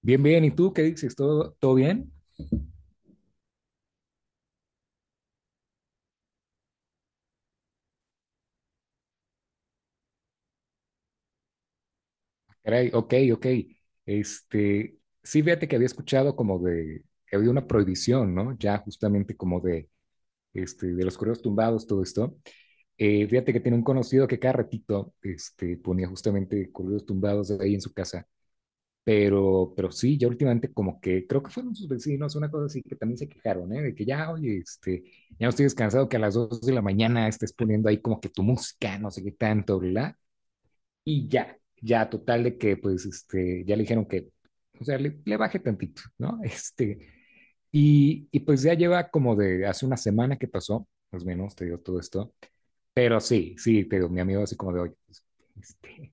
Bien, bien. ¿Y tú qué dices? ¿Todo, todo bien? Caray, ok, ok. Sí, fíjate que había escuchado como de que había una prohibición, ¿no? Ya justamente como de los correos tumbados, todo esto. Fíjate que tiene un conocido que cada ratito, ponía justamente correos tumbados ahí en su casa. Pero sí, ya últimamente como que creo que fueron sus vecinos, una cosa así que también se quejaron, ¿eh? De que ya, oye, ya no estoy descansado que a las 2 de la mañana estés poniendo ahí como que tu música, no sé qué tanto, bla. Y ya, ya, total de que, pues, ya le dijeron que, o sea, le baje tantito, ¿no? Y pues ya lleva como de hace una semana que pasó, más o menos, te digo todo esto. Pero sí, sí, te digo, mi amigo así como de, oye, pues, este,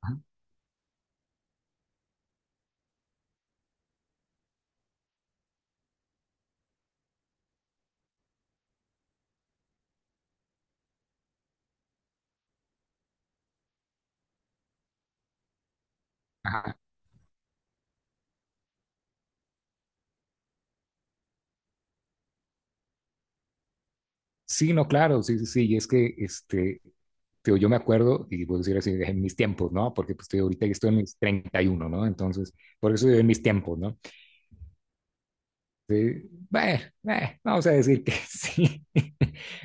ajá, ajá. Sí, no, claro, sí, sí, sí, y es que, te digo, yo me acuerdo, y puedo decir así, en mis tiempos, ¿no? Porque pues te digo, ahorita yo estoy en mis 31, ¿no? Entonces, por eso digo, en mis tiempos, ¿no? Sí, bueno, bueno, vamos a decir que sí.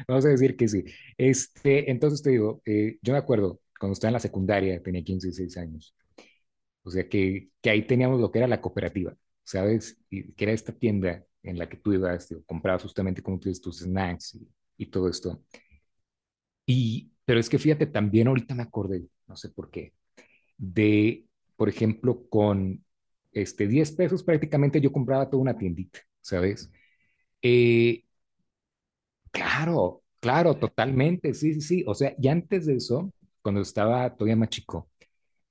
Vamos a decir que sí. Entonces te digo, yo me acuerdo cuando estaba en la secundaria, tenía 15, 16 años. O sea que, ahí teníamos lo que era la cooperativa, ¿sabes? Y que era esta tienda en la que tú ibas, digo, comprabas justamente como tú dices, tus snacks y todo esto. Y, pero es que fíjate, también ahorita me acordé, no sé por qué, de, por ejemplo, con 10 pesos prácticamente yo compraba toda una tiendita, ¿sabes? Eh, Claro, claro, totalmente, sí, sí, sí. O sea, y antes de eso, cuando estaba todavía más chico,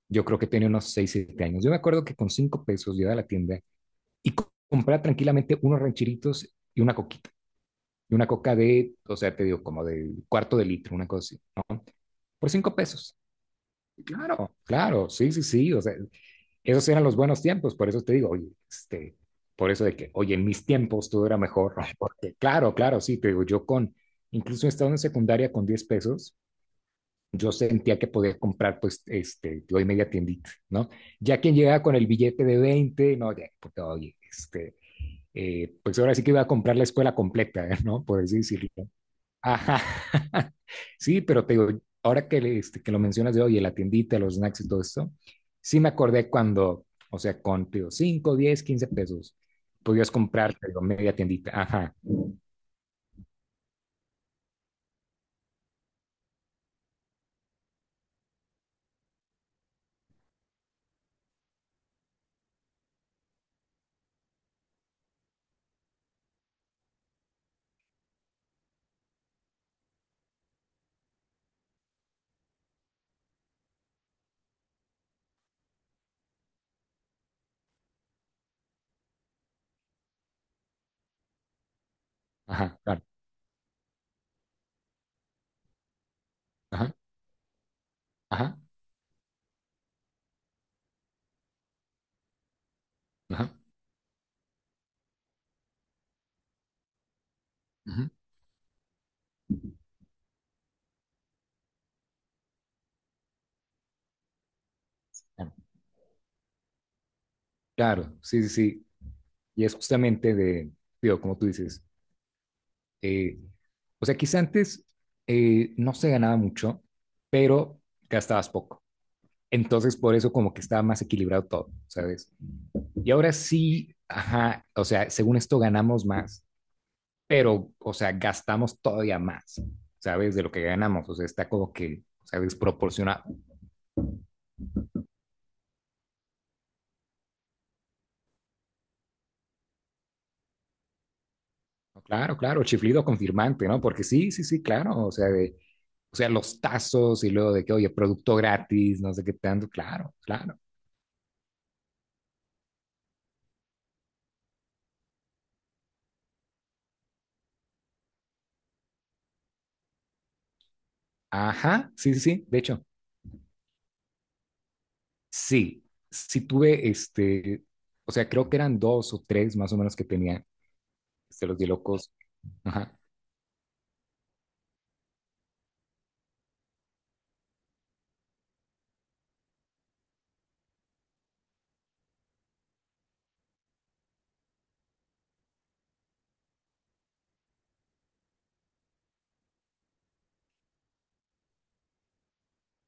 yo creo que tenía unos 6, 7 años. Yo me acuerdo que con 5 pesos yo iba a la tienda y compraba tranquilamente unos rancheritos y una coquita. Y una coca de, o sea, te digo, como de cuarto de litro, una cosa así, ¿no? Por 5 pesos. Claro, claro, sí, sí, sí. O sea, esos eran los buenos tiempos, por eso te digo, oye, por eso de que, oye, en mis tiempos todo era mejor, ¿no? Porque claro, claro, sí, te digo, yo con, incluso estando en secundaria con 10 pesos, yo sentía que podía comprar, pues, doy media tiendita, ¿no? Ya quien llegaba con el billete de 20, no, ya, porque, oye, pues ahora sí que iba a comprar la escuela completa, ¿eh? ¿No? Por así decirlo. Ajá. Sí, pero te digo, ahora que, que lo mencionas de hoy, la tiendita, los snacks y todo esto, sí me acordé cuando, o sea, con, te digo, 5, 10, 15 pesos, podías comprar, te digo, media tiendita. Ajá, ajá, claro. Ajá, ajá, ajá. Ujú. Claro, claro, sí, sí, sí. Y es justamente de, digo, como tú dices, eh, o sea, quizá antes no se ganaba mucho, pero gastabas poco. Entonces, por eso como que estaba más equilibrado todo, ¿sabes? Y ahora sí, ajá, o sea, según esto ganamos más, pero, o sea, gastamos todavía más, ¿sabes? De lo que ganamos, o sea, está como que, o sea, desproporcionado. Claro, claro, chiflido confirmante, ¿no? Porque sí, sí, sí, claro, o sea, de, o sea, los tazos y luego de que, oye, producto gratis, no sé qué tanto, claro, claro. Ajá, sí, sí, sí, de hecho, sí, sí tuve o sea, creo que eran dos o tres más o menos que tenía, los de locos. Ajá,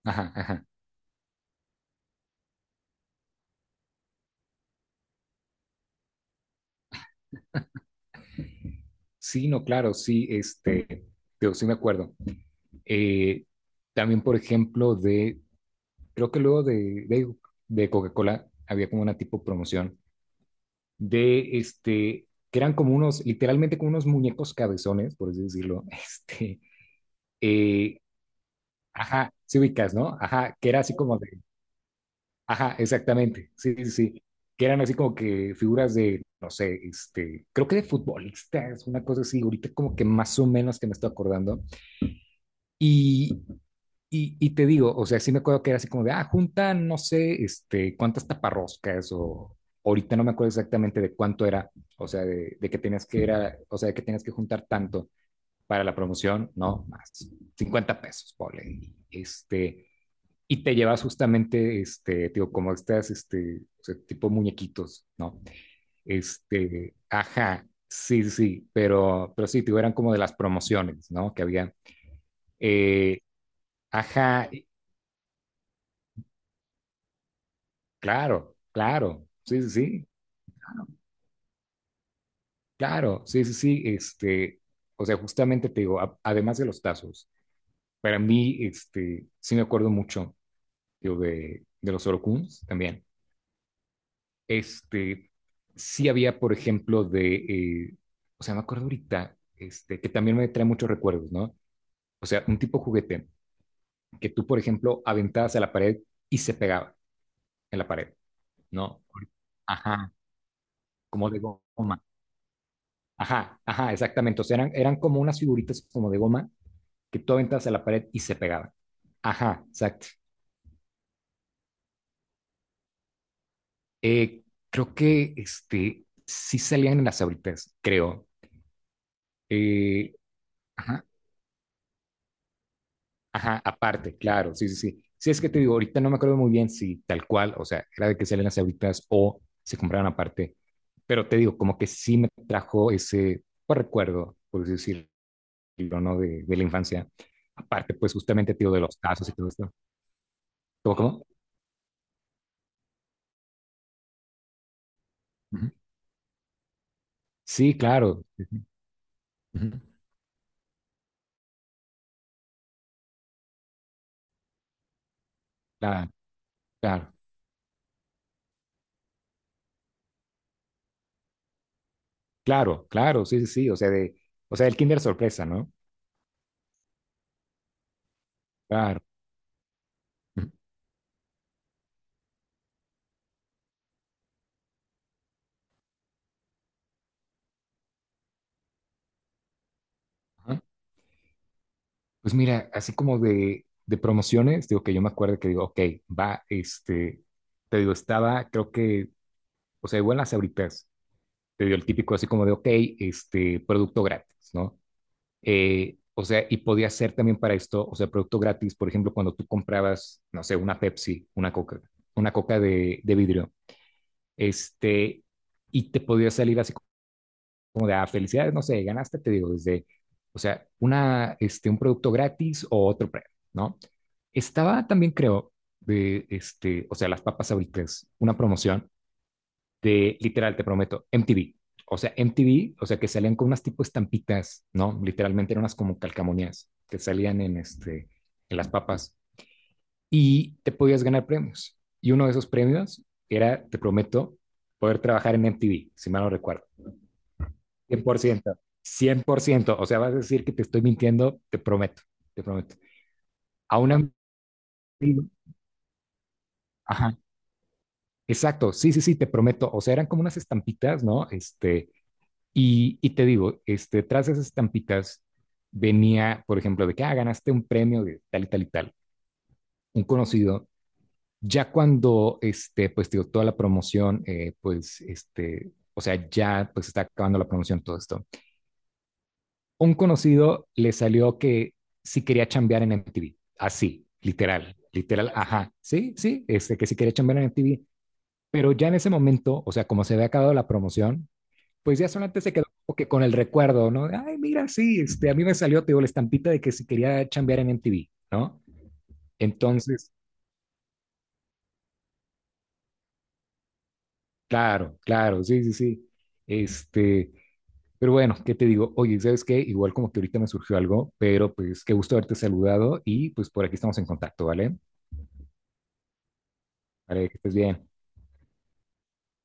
ajá, ajá. Sí, no, claro, sí, digo, sí me acuerdo. Eh, También, por ejemplo, de, creo que luego de Coca-Cola había como una tipo promoción de, que eran como unos, literalmente como unos muñecos cabezones, por así decirlo, eh, ajá, sí ubicas, ¿no? Ajá, que era así como de, ajá, exactamente, sí, sí, sí, que eran así como que figuras de, no sé, creo que de futbolistas, una cosa así, ahorita como que más o menos que me estoy acordando, y y te digo, o sea, sí me acuerdo que era así como de, ah, juntan, no sé, cuántas taparroscas o ahorita no me acuerdo exactamente de cuánto era, o sea, de que tenías que era, o sea, de que tenías que juntar tanto para la promoción, no, más 50 pesos, pobre, y y te llevas justamente, digo, como estas, o sea, tipo muñequitos, ¿no? Ajá, sí, sí, sí, pero sí, digo, eran como de las promociones, ¿no? Que había, eh, ajá, claro, claro, sí, sí, sí, claro, sí, sí, sí, o sea, justamente te digo, además de los tazos, para mí, sí me acuerdo mucho, digo, de los orokuns también, este, sí había, por ejemplo, de, o sea, me acuerdo ahorita, que también me trae muchos recuerdos, ¿no? O sea, un tipo juguete que tú, por ejemplo, aventabas a la pared y se pegaba en la pared, ¿no? Ajá, como de goma. Ajá, ajá, exactamente. O sea, eran como unas figuritas como de goma que tú aventabas a la pared y se pegaban. Ajá, exacto. Eh, Creo que sí salían en las ahoritas, creo. Eh, ajá, ajá, aparte, claro, sí, sí, sí. Sí, es que te digo, ahorita no me acuerdo muy bien si tal cual, o sea, era de que salían las ahoritas o se compraban aparte. Pero te digo, como que sí me trajo ese pues, recuerdo, por así decirlo, ¿no? De la infancia. Aparte, pues justamente, te digo de los casos y todo esto. ¿Cómo, cómo? Ujú. Sí, claro. Sí, sí. Ujú. Claro, claro, claro, claro, sí, sí, sí, o sea, de, o sea, el Kinder sorpresa, ¿no? Claro. Ujú. Ajá. Pues mira, así como de promociones, digo que yo me acuerdo que digo, ok, va, te digo, estaba, creo que, o sea, igual las Sabritas, te digo, el típico así como de, ok, producto gratis, ¿no? O sea, y podía ser también para esto, o sea, producto gratis, por ejemplo, cuando tú comprabas, no sé, una Pepsi, una Coca de vidrio, este, y te podría salir así como de, ah, felicidades, no sé, ganaste, te digo, desde, o sea, una, un producto gratis o otro premio, ¿no? Estaba también, creo, de, o sea, las papas ahoritas, una promoción de, literal, te prometo, MTV. O sea, MTV, o sea, que salían con unas tipo estampitas, ¿no? Literalmente eran unas como calcamonías que salían en las papas y te podías ganar premios. Y uno de esos premios era, te prometo, poder trabajar en MTV, si mal no recuerdo. Cien por ciento, 100%. O sea, vas a decir que te estoy mintiendo, te prometo, te prometo. A un amigo, ajá, exacto, sí, sí, sí, te prometo. O sea, eran como unas estampitas, ¿no? Y te digo, tras esas estampitas venía, por ejemplo, de que, ah, ganaste un premio de tal y tal y tal. Un conocido Ya cuando, pues, digo, toda la promoción, pues, o sea, ya, pues, está acabando la promoción, todo esto. Un conocido le salió que sí quería chambear en MTV, así, literal, literal, ajá, sí, sí, que sí quería chambear en MTV, pero ya en ese momento, o sea, como se había acabado la promoción, pues ya solamente se quedó como que con el recuerdo, ¿no? Ay, mira, sí, a mí me salió, te digo, la estampita de que si quería chambear en MTV, ¿no? Entonces, claro, claro, sí, sí, sí. Este, Pero bueno, ¿qué te digo? Oye, ¿sabes qué? Igual como que ahorita me surgió algo, pero pues qué gusto haberte saludado y pues por aquí estamos en contacto, ¿vale? Vale, que estés bien.